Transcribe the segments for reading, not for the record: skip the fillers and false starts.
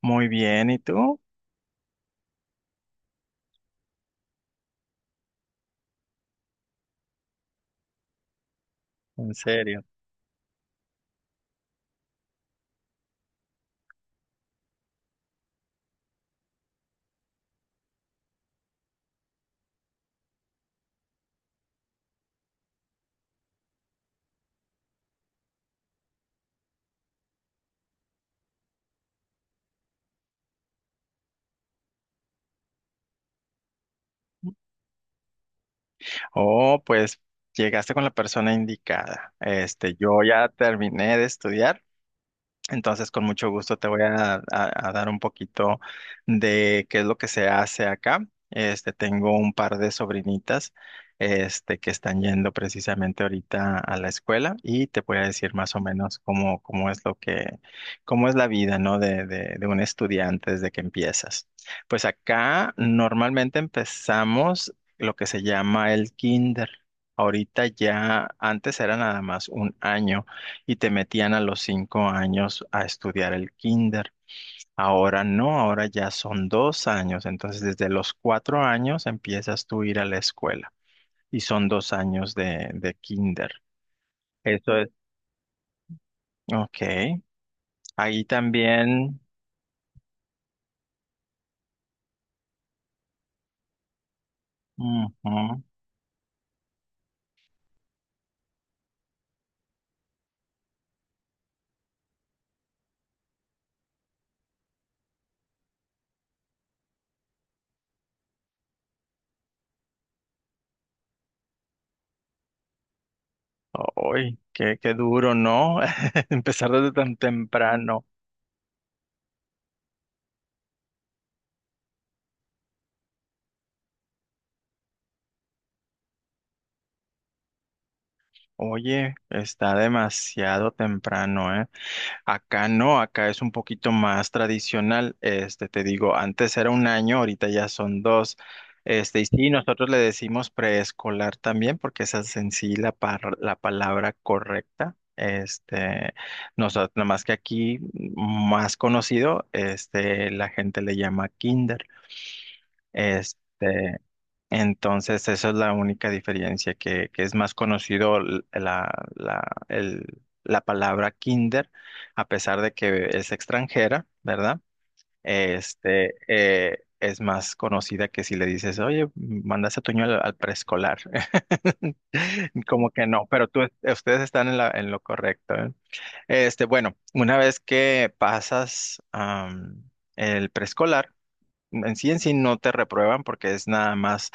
Muy bien, ¿y tú? En serio. Oh, pues llegaste con la persona indicada. Este, yo ya terminé de estudiar. Entonces, con mucho gusto te voy a dar un poquito de qué es lo que se hace acá. Este, tengo un par de sobrinitas, este, que están yendo precisamente ahorita a la escuela y te voy a decir más o menos cómo es la vida, ¿no? De un estudiante desde que empiezas. Pues acá normalmente empezamos lo que se llama el kinder. Ahorita ya, antes era nada más un año y te metían a los 5 años a estudiar el kinder. Ahora no, ahora ya son 2 años, entonces desde los 4 años empiezas tú a ir a la escuela y son 2 años de kinder. Eso es, ok. Ahí también, ujú. Ay, qué duro, ¿no? Empezar desde tan temprano. Oye, está demasiado temprano, ¿eh? Acá no, acá es un poquito más tradicional. Este, te digo, antes era un año, ahorita ya son dos. Este, y sí, nosotros le decimos preescolar también, porque esa es en sí la palabra correcta. Este, nosotros, nada más que aquí, más conocido, este, la gente le llama kinder. Este, entonces, esa es la única diferencia, que es más conocido la, el- la palabra kinder, a pesar de que es extranjera, ¿verdad? Este, es más conocida que si le dices, oye, mandas a Toño al preescolar. Como que no, pero tú, ustedes están en lo correcto, ¿eh? Este, bueno, una vez que pasas, el preescolar, en sí no te reprueban porque es nada más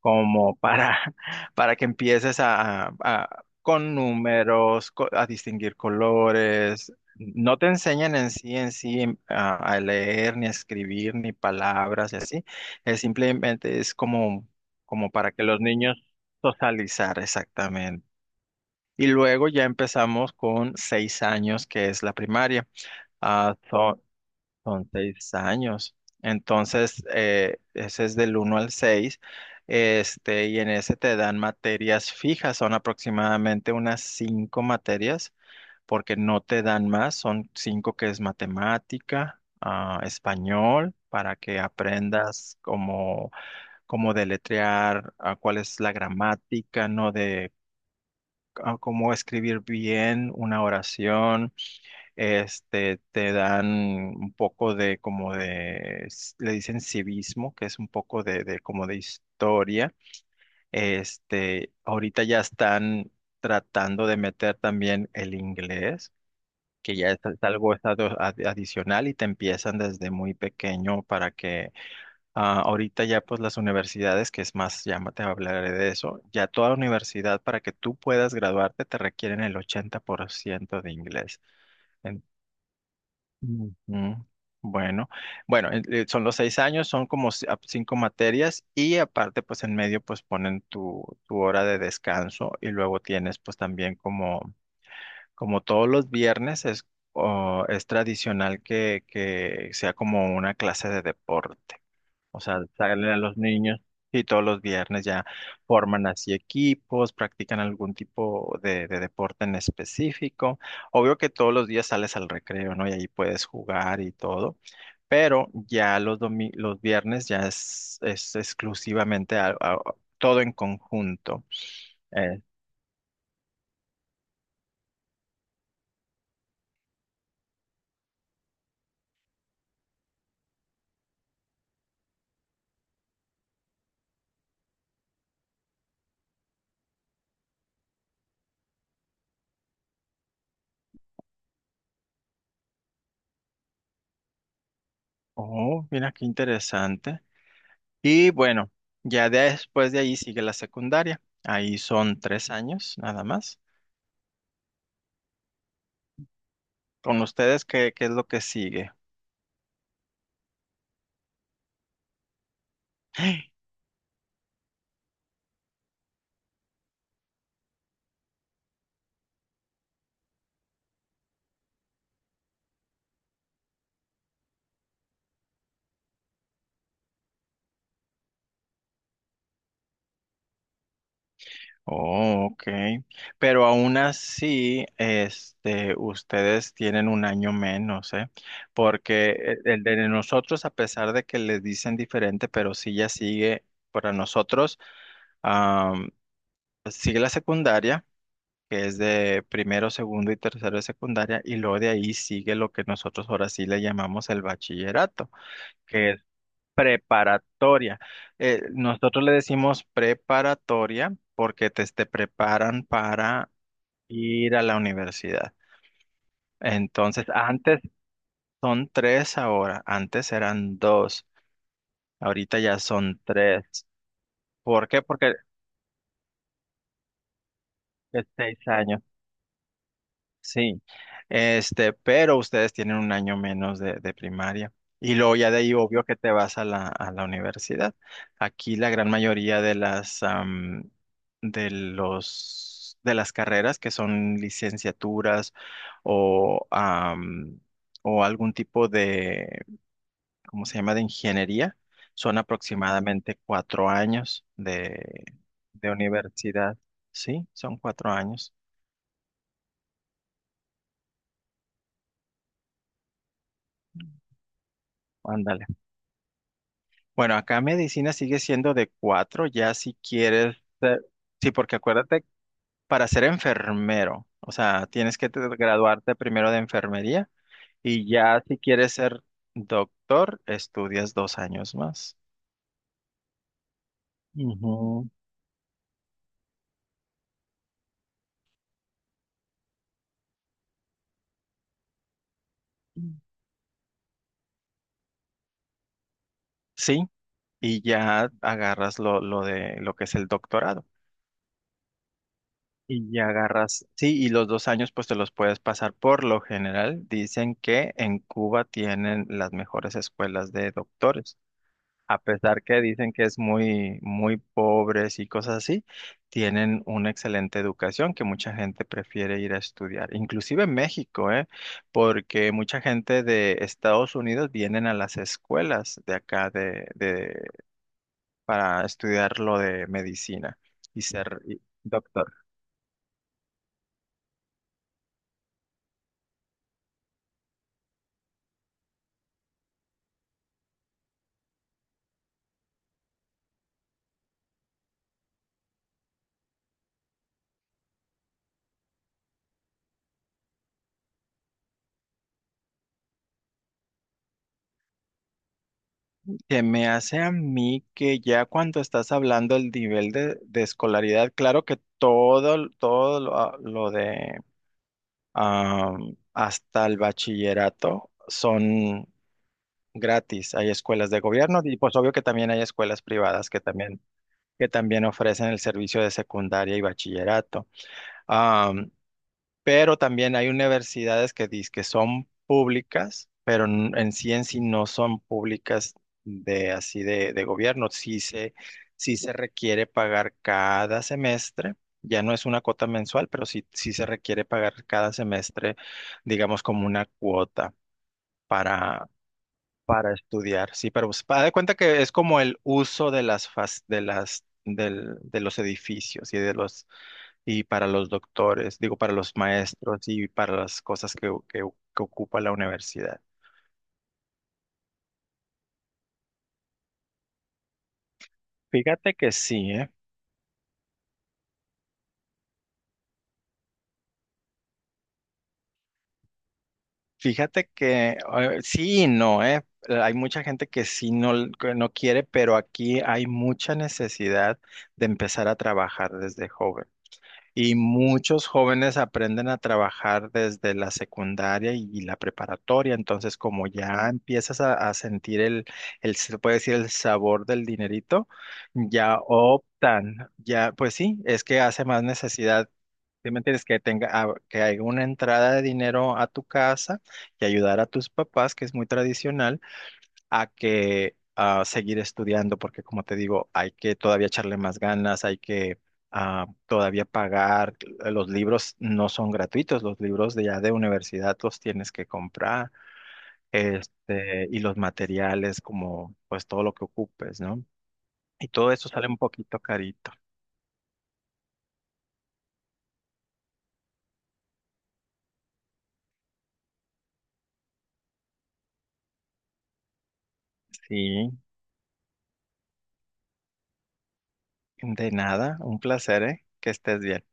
como para, para que empieces con números, a distinguir colores. No te enseñan en sí a leer, ni a escribir, ni palabras y así. Es simplemente es como para que los niños socializar exactamente. Y luego ya empezamos con 6 años, que es la primaria. Ah, son 6 años. Entonces, ese es del uno al seis. Este, y en ese te dan materias fijas, son aproximadamente unas 5 materias, porque no te dan más, son cinco que es matemática, español, para que aprendas cómo deletrear, cuál es la gramática, ¿no? De cómo escribir bien una oración. Este, te dan un poco de como le dicen civismo, que es un poco de, como de historia. Este, ahorita ya están tratando de meter también el inglés, que ya es algo es adicional y te empiezan desde muy pequeño para que ahorita ya pues las universidades, que es más, ya te hablaré de eso, ya toda universidad para que tú puedas graduarte te requieren el 80% de inglés. Ujú. Bueno, bueno, son los 6 años, son como 5 materias y aparte pues en medio pues ponen tu hora de descanso y luego tienes pues también como, todos los viernes es tradicional que sea como una clase de deporte. O sea, salen a los niños y todos los viernes ya forman así equipos, practican algún tipo de deporte en específico. Obvio que todos los días sales al recreo, ¿no? Y ahí puedes jugar y todo, pero ya los los viernes ya es exclusivamente todo en conjunto. Eh, oh, mira qué interesante. Y bueno, ya después de ahí sigue la secundaria. Ahí son 3 años nada más. Con ustedes, ¿qué es lo que sigue? Oh, ok. Pero aún así, este, ustedes tienen un año menos, ¿eh? Porque el de nosotros, a pesar de que les dicen diferente, pero sí ya sigue para nosotros. Am, sigue la secundaria, que es de primero, segundo y tercero de secundaria, y luego de ahí sigue lo que nosotros ahora sí le llamamos el bachillerato, que es preparatoria. Nosotros le decimos preparatoria porque te preparan para ir a la universidad. Entonces, antes son tres ahora, antes eran dos, ahorita ya son tres. ¿Por qué? Porque es 6 años. Sí, este, pero ustedes tienen un año menos de primaria. Y luego ya de ahí obvio que te vas a la universidad. Aquí la gran mayoría de las am, de los de las carreras que son licenciaturas o am, o algún tipo de, ¿cómo se llama? De ingeniería, son aproximadamente 4 años de, universidad. Sí, son 4 años. Ándale. Bueno, acá medicina sigue siendo de cuatro, ya si quieres, sí, porque acuérdate, para ser enfermero, o sea, tienes que graduarte primero de enfermería y ya si quieres ser doctor, estudias dos años más. Ujú. Sí, y ya agarras lo de lo que es el doctorado. Y ya agarras, sí, y los 2 años pues te los puedes pasar. Por lo general, dicen que en Cuba tienen las mejores escuelas de doctores. A pesar que dicen que es muy, muy pobres y cosas así, tienen una excelente educación que mucha gente prefiere ir a estudiar, inclusive en México, ¿eh? Porque mucha gente de Estados Unidos vienen a las escuelas de acá para estudiar lo de medicina y ser doctor. Se me hace a mí que ya cuando estás hablando del nivel de escolaridad, claro que todo, todo lo de hasta el bachillerato son gratis. Hay escuelas de gobierno y pues obvio que también hay escuelas privadas que también, ofrecen el servicio de secundaria y bachillerato, pero también hay universidades que dicen que son públicas, pero en sí no son públicas de así de gobierno. Sí se requiere pagar cada semestre. Ya no es una cuota mensual, pero sí, sí se requiere pagar cada semestre, digamos, como una cuota para, para estudiar. Sí, pero pues, para de cuenta que es como el uso de las fas- de las del- de los edificios y de los y para los doctores, digo, para los maestros y para las cosas que ocupa la universidad. Fíjate que sí, ¿eh? Fíjate que sí y no, ¿eh? Hay mucha gente que sí no, que no quiere, pero aquí hay mucha necesidad de empezar a trabajar desde joven. Y muchos jóvenes aprenden a trabajar desde la secundaria y la preparatoria, entonces como ya empiezas a sentir el, se puede decir, el sabor del dinerito, ya optan, ya, pues sí, es que hace más necesidad, ¿sí me entiendes? Que tenga, que haya una entrada de dinero a tu casa y ayudar a tus papás, que es muy tradicional, a que a seguir estudiando, porque como te digo, hay que todavía echarle más ganas, hay que todavía pagar. Los libros no son gratuitos, los libros de universidad los tienes que comprar, este, y los materiales como pues todo lo que ocupes, ¿no? Y todo eso sale un poquito carito. Sí, de nada, un placer, ¿eh? Que estés bien.